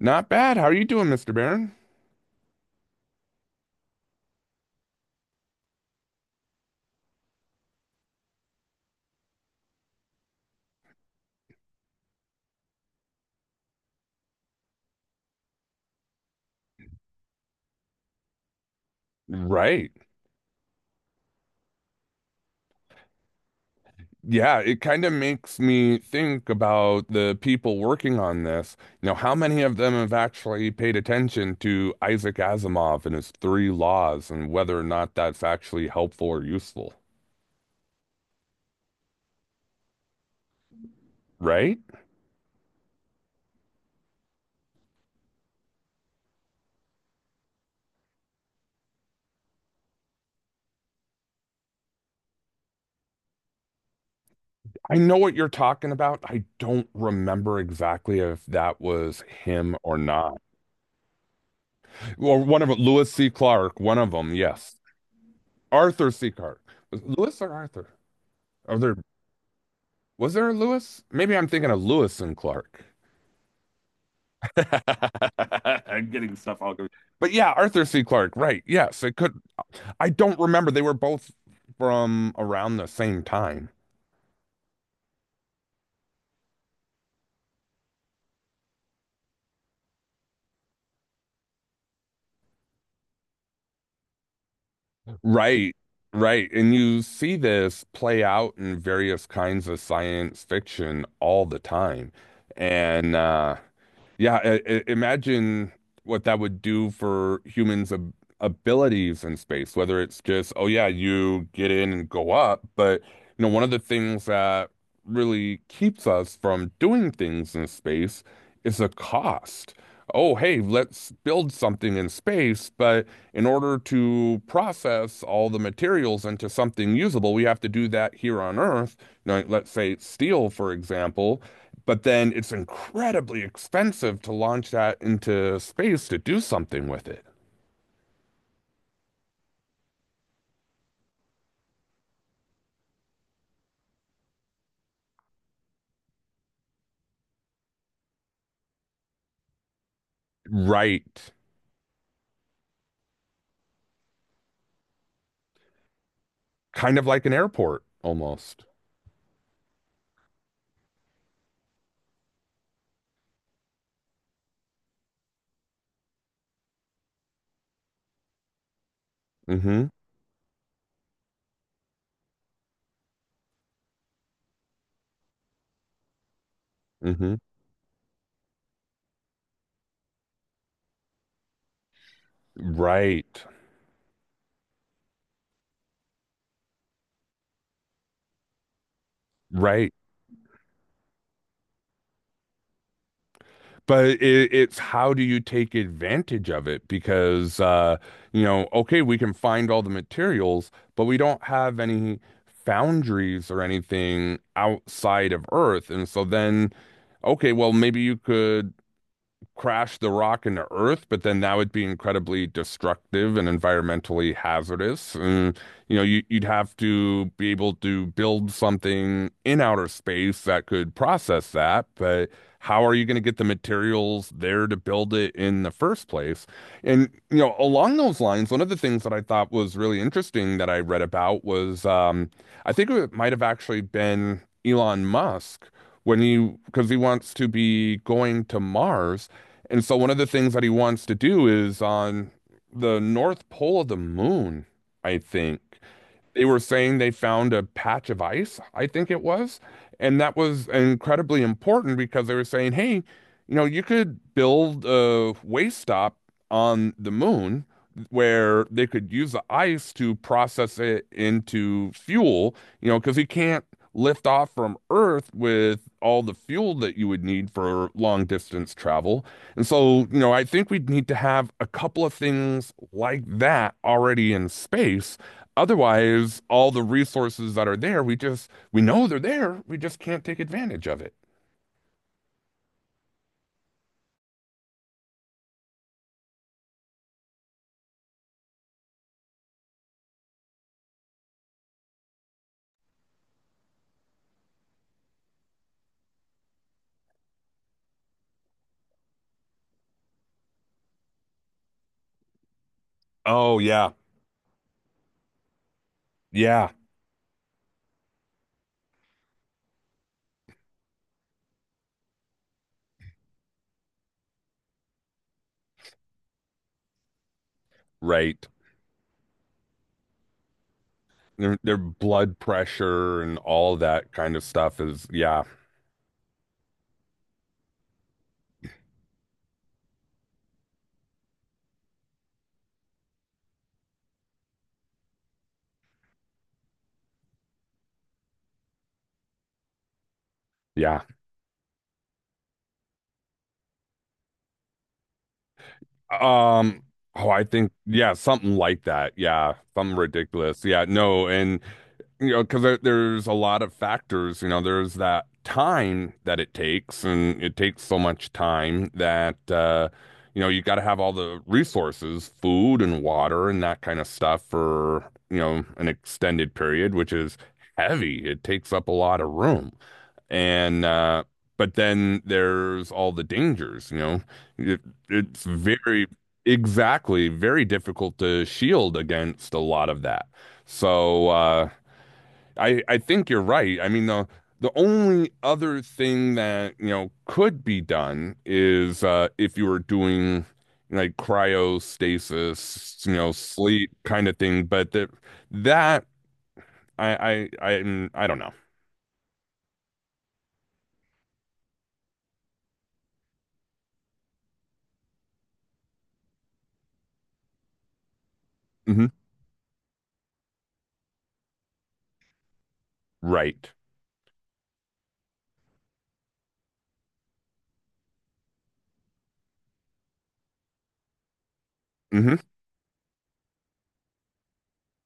Not bad. How are you doing, Mr. Barron? Right. Yeah, it kind of makes me think about the people working on this. You know, how many of them have actually paid attention to Isaac Asimov and his three laws and whether or not that's actually helpful or useful, right? I know what you're talking about. I don't remember exactly if that was him or not. Or one of them, Lewis C. Clark, one of them, yes. Arthur C. Clark. Was it Lewis or Arthur? Are there? Was there a Lewis? Maybe I'm thinking of Lewis and Clark. I'm getting stuff all confused. But yeah, Arthur C. Clarke, right. Yes, it could. I don't remember. They were both from around the same time. Right, right. And you see this play out in various kinds of science fiction all the time. And Yeah, imagine what that would do for humans' ab abilities in space, whether it's just, oh yeah, you get in and go up, but you know, one of the things that really keeps us from doing things in space is the cost. Oh, hey, let's build something in space, but in order to process all the materials into something usable, we have to do that here on Earth. Now, let's say steel, for example. But then it's incredibly expensive to launch that into space to do something with it. Right. Kind of like an airport almost. Mm hmm mm hmm Right. Right. But it's how do you take advantage of it? Because you know, okay, we can find all the materials, but we don't have any foundries or anything outside of Earth. And so then, okay, well, maybe you could crash the rock into Earth, but then that would be incredibly destructive and environmentally hazardous. And, you know, you'd have to be able to build something in outer space that could process that, but how are you going to get the materials there to build it in the first place? And, you know, along those lines, one of the things that I thought was really interesting that I read about was I think it might have actually been Elon Musk when he because he wants to be going to Mars, and so one of the things that he wants to do is on the North Pole of the moon, I think they were saying they found a patch of ice, I think it was. And that was incredibly important because they were saying, hey, you know, you could build a waste stop on the moon where they could use the ice to process it into fuel, you know, because you can't lift off from Earth with all the fuel that you would need for long distance travel. And so, you know, I think we'd need to have a couple of things like that already in space. Otherwise, all the resources that are there, we just, we know they're there. We just can't take advantage of it. Oh, yeah. Yeah. Right. Their blood pressure and all that kind of stuff is, yeah. Yeah. Um, oh, I think, yeah, something like that. Yeah. Something ridiculous. Yeah. No. And, you know, because there's a lot of factors. You know, there's that time that it takes, and it takes so much time that you know you got to have all the resources, food and water and that kind of stuff for you know an extended period, which is heavy. It takes up a lot of room, and but then there's all the dangers. You know, it, it's very exactly very difficult to shield against a lot of that. So, I think you're right. I mean the only other thing that you know could be done is if you were doing like cryostasis, you know, sleep kind of thing. But that I don't know. Hmm. Right. Hmm.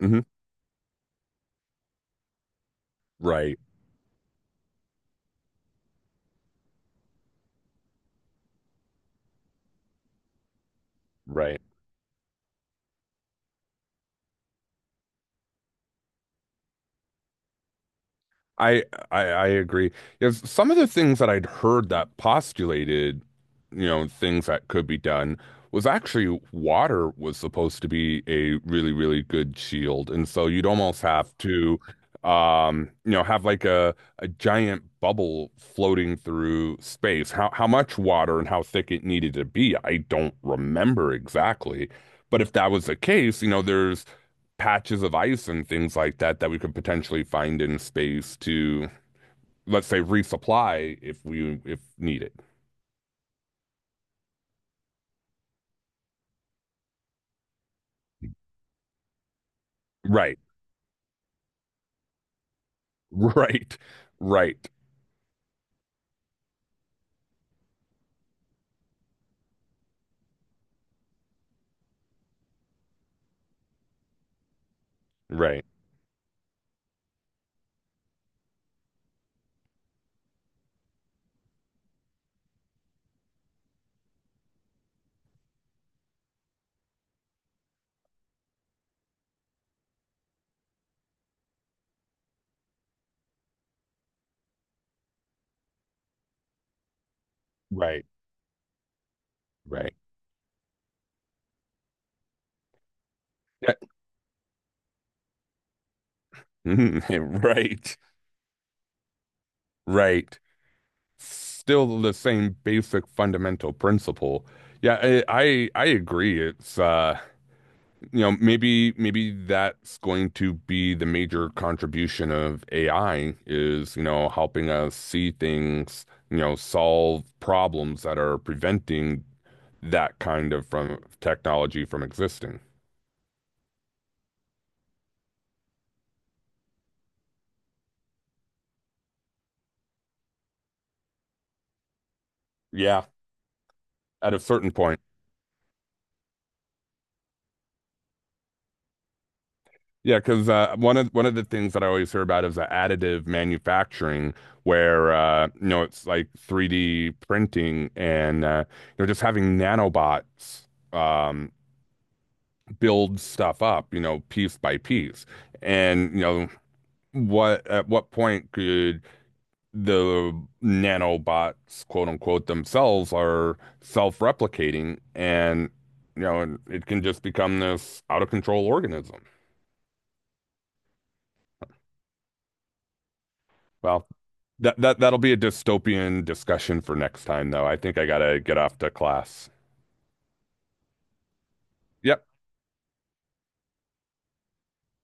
Hmm. Right. Right. I I agree. Yes, some of the things that I'd heard that postulated, you know, things that could be done was actually water was supposed to be a really, really good shield. And so you'd almost have to you know, have like a giant bubble floating through space. How much water and how thick it needed to be, I don't remember exactly. But if that was the case, you know, there's patches of ice and things like that that we could potentially find in space to, let's say, resupply if we if needed. Right. Right. Right. Right. Right. Right. Yeah. Right. Right. Still the same basic fundamental principle. Yeah, I agree. It's you know, maybe that's going to be the major contribution of AI is, you know, helping us see things, you know, solve problems that are preventing that kind of from technology from existing. Yeah, at a certain point. Yeah, because one of the things that I always hear about is the additive manufacturing, where you know it's like 3D printing and you know just having nanobots um, build stuff up, you know, piece by piece. And, you know, what at what point could the nanobots, quote unquote, themselves are self-replicating and, you know, it can just become this out of control organism. Well, that'll be a dystopian discussion for next time, though. I think I gotta get off to class. Yep.